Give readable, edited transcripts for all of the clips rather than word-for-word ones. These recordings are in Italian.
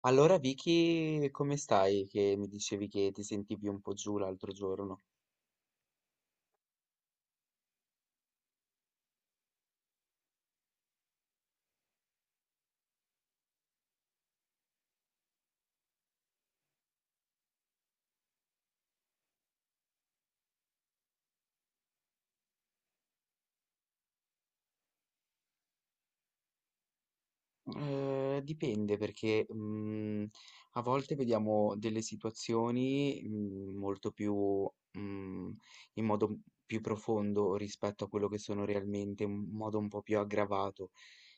Allora Vicky, come stai? Che mi dicevi che ti sentivi un po' giù l'altro giorno. Dipende perché, a volte vediamo delle situazioni, molto più in modo più profondo rispetto a quello che sono realmente, in modo un po' più aggravato.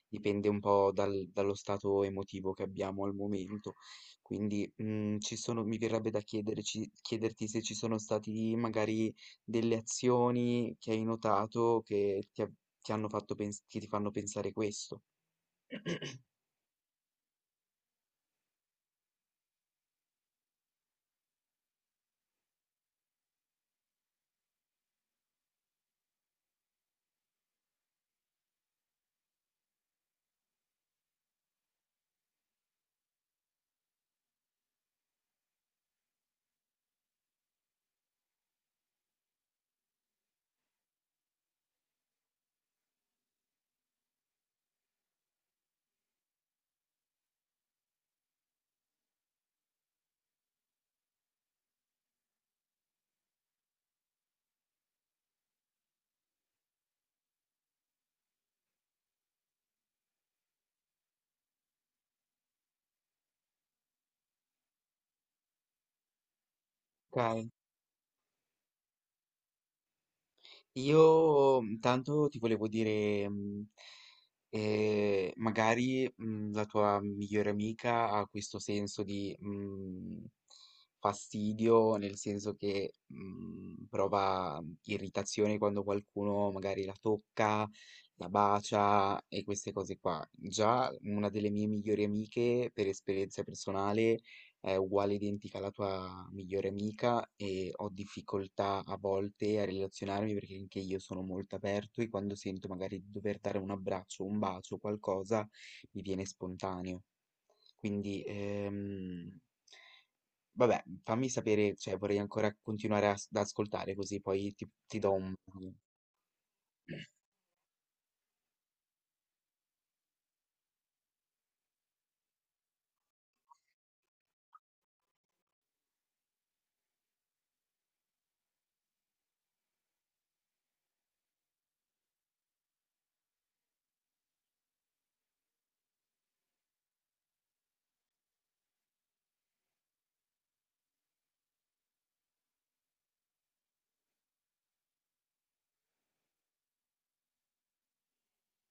Dipende un po' dallo stato emotivo che abbiamo al momento. Quindi, ci sono mi verrebbe da chiederci chiederti se ci sono stati magari delle azioni che hai notato che ti ha ti hanno fatto pens che ti fanno pensare questo. Okay. Io tanto ti volevo dire, magari la tua migliore amica ha questo senso di fastidio, nel senso che prova irritazione quando qualcuno magari la tocca, la bacia e queste cose qua. Già una delle mie migliori amiche, per esperienza personale, è uguale identica alla tua migliore amica e ho difficoltà a volte a relazionarmi perché anche io sono molto aperto e quando sento magari di dover dare un abbraccio, un bacio, qualcosa, mi viene spontaneo. Quindi, vabbè, fammi sapere, cioè vorrei ancora continuare ad ascoltare così poi ti do un...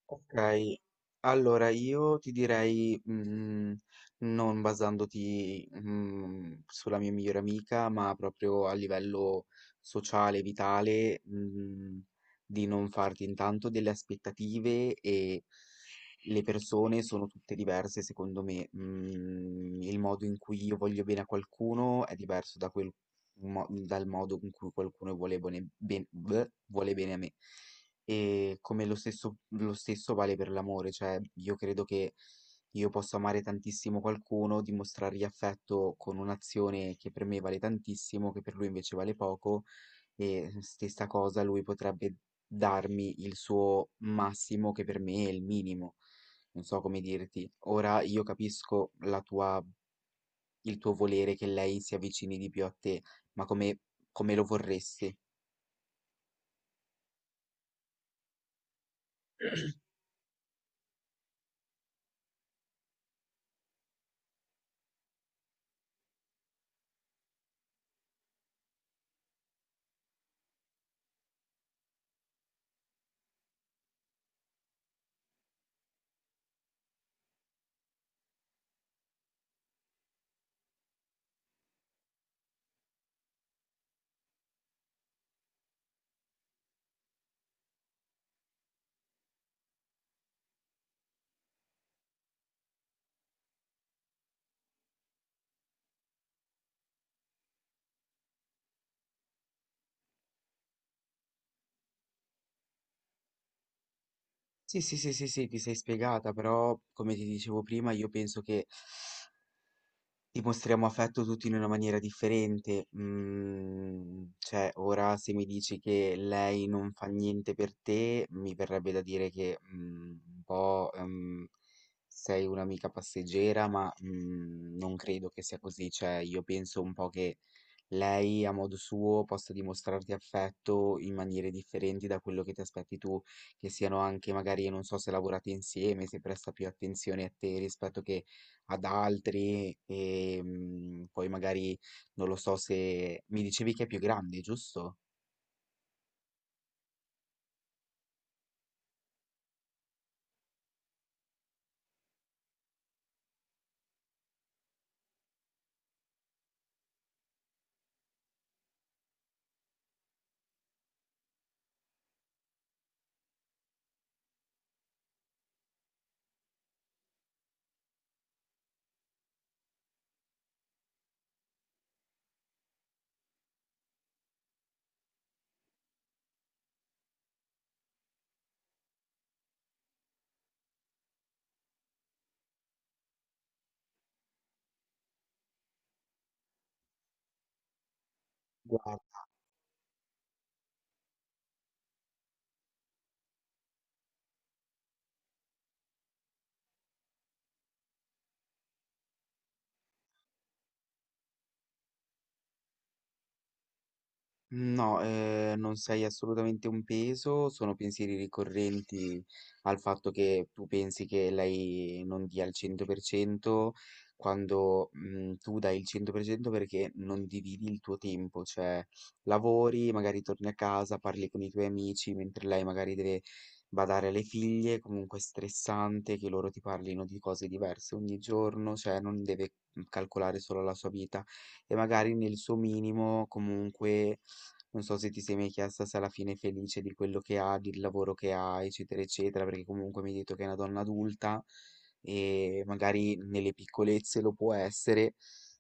Okay, allora io ti direi, non basandoti, sulla mia migliore amica, ma proprio a livello sociale, vitale, di non farti intanto delle aspettative e le persone sono tutte diverse secondo me. Mhmm, il modo in cui io voglio bene a qualcuno è diverso da quel mo dal modo in cui qualcuno vuole bene a me. E lo stesso vale per l'amore, cioè io credo che io possa amare tantissimo qualcuno, dimostrargli affetto con un'azione che per me vale tantissimo, che per lui invece vale poco, e stessa cosa lui potrebbe darmi il suo massimo che per me è il minimo. Non so come dirti. Ora io capisco il tuo volere che lei si avvicini di più a te, ma come lo vorresti? Sì, sì, sì, sì, sì, ti sei spiegata, però come ti dicevo prima, io penso che dimostriamo affetto tutti in una maniera differente. Cioè, ora se mi dici che lei non fa niente per te, mi verrebbe da dire che un po' sei un'amica passeggera, ma non credo che sia così. Cioè, io penso un po' che lei a modo suo possa dimostrarti affetto in maniere differenti da quello che ti aspetti tu, che siano anche magari, non so, se lavorate insieme, se presta più attenzione a te rispetto che ad altri, e poi magari non lo so se mi dicevi che è più grande, giusto? Guarda. No, non sei assolutamente un peso, sono pensieri ricorrenti al fatto che tu pensi che lei non dia il 100% quando, tu dai il 100% perché non dividi il tuo tempo, cioè lavori, magari torni a casa, parli con i tuoi amici, mentre lei magari deve badare alle figlie, comunque è stressante che loro ti parlino di cose diverse ogni giorno, cioè non deve, calcolare solo la sua vita e magari nel suo minimo comunque non so se ti sei mai chiesta se alla fine è felice di quello che ha, del lavoro che ha, eccetera, eccetera, perché comunque mi hai detto che è una donna adulta e magari nelle piccolezze lo può essere,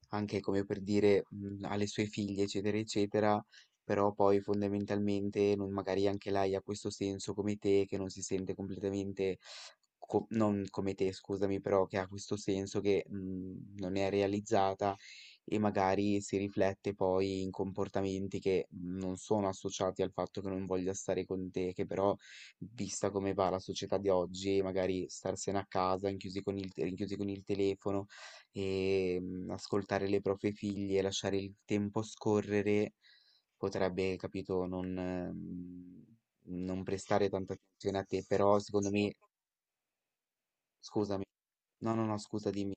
anche come per dire alle sue figlie, eccetera, eccetera, però poi fondamentalmente magari anche lei ha questo senso come te, che non si sente completamente, non come te, scusami, però che ha questo senso che non è realizzata e magari si riflette poi in comportamenti che non sono associati al fatto che non voglia stare con te, che però, vista come va la società di oggi, magari starsene a casa, rinchiusi con il telefono e ascoltare le proprie figlie, lasciare il tempo scorrere, potrebbe, capito, non, non prestare tanta attenzione a te, però secondo me, scusami, no, no, no, scusa, dimmi.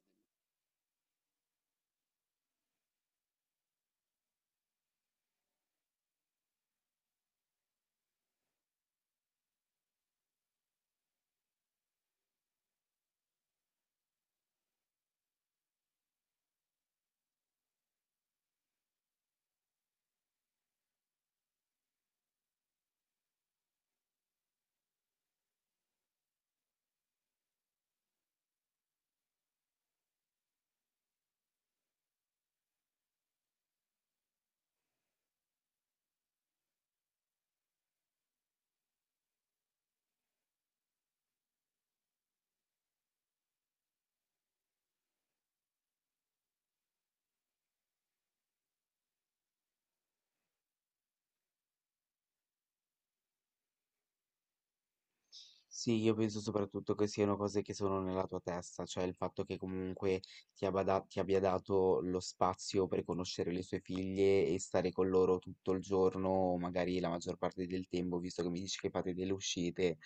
Sì, io penso soprattutto che siano cose che sono nella tua testa, cioè il fatto che comunque ti abbia dato lo spazio per conoscere le sue figlie e stare con loro tutto il giorno, o magari la maggior parte del tempo, visto che mi dici che fate delle uscite.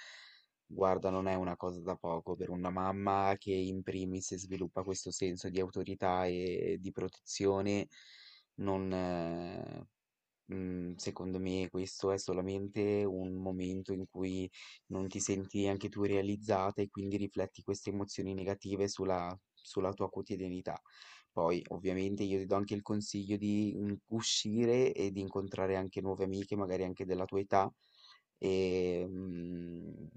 Guarda, non è una cosa da poco per una mamma che in primis sviluppa questo senso di autorità e di protezione. Non, Mhmm, Secondo me questo è solamente un momento in cui non ti senti anche tu realizzata e quindi rifletti queste emozioni negative sulla tua quotidianità. Poi ovviamente io ti do anche il consiglio di, uscire e di incontrare anche nuove amiche, magari anche della tua età, ehm,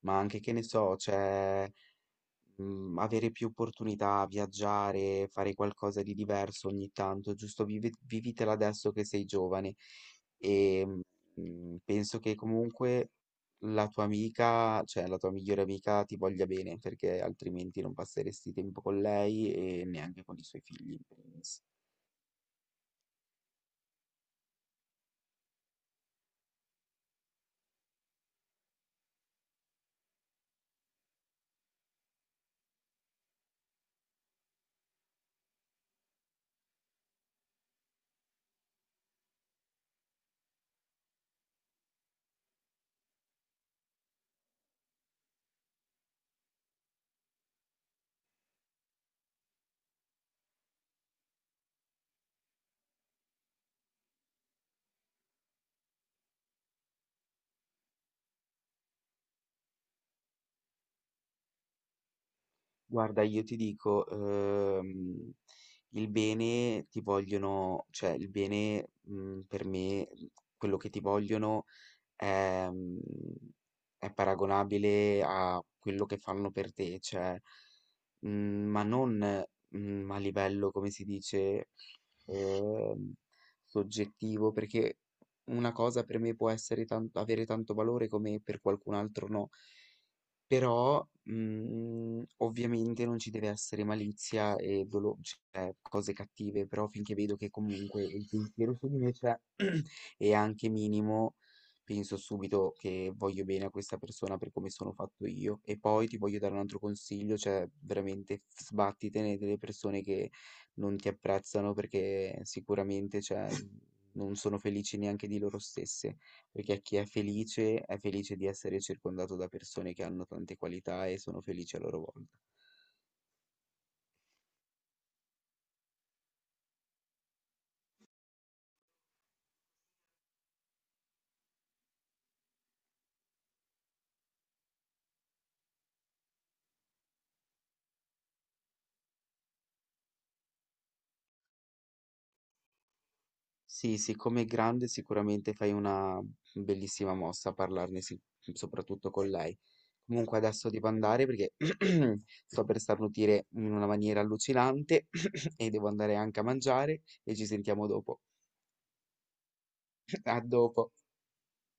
ma anche che ne so, cioè avere più opportunità, viaggiare, fare qualcosa di diverso ogni tanto, giusto vivitela adesso che sei giovane. Ehm, penso che comunque la tua amica, cioè la tua migliore amica ti voglia bene, perché altrimenti non passeresti tempo con lei e neanche con i suoi figli in primis. Guarda, io ti dico, il bene ti vogliono cioè il bene, per me, quello che ti vogliono ehm, è paragonabile a quello che fanno per te, cioè, ma non, a livello, come si dice, ehm, soggettivo, perché una cosa per me può essere tan avere tanto valore come per qualcun altro no. Però, ovviamente non ci deve essere malizia e dolo cioè cose cattive, però finché vedo che comunque il pensiero su di me c'è e anche minimo, penso subito che voglio bene a questa persona per come sono fatto io. E poi ti voglio dare un altro consiglio, cioè veramente f sbattitene delle persone che non ti apprezzano perché sicuramente, cioè, non sono felici neanche di loro stesse. Perché chi è felice di essere circondato da persone che hanno tante qualità e sono felici a loro volta. Sì, siccome è grande sicuramente fai una bellissima mossa a parlarne soprattutto con lei. Comunque adesso devo andare perché sto per starnutire in una maniera allucinante e devo andare anche a mangiare e ci sentiamo dopo. A dopo.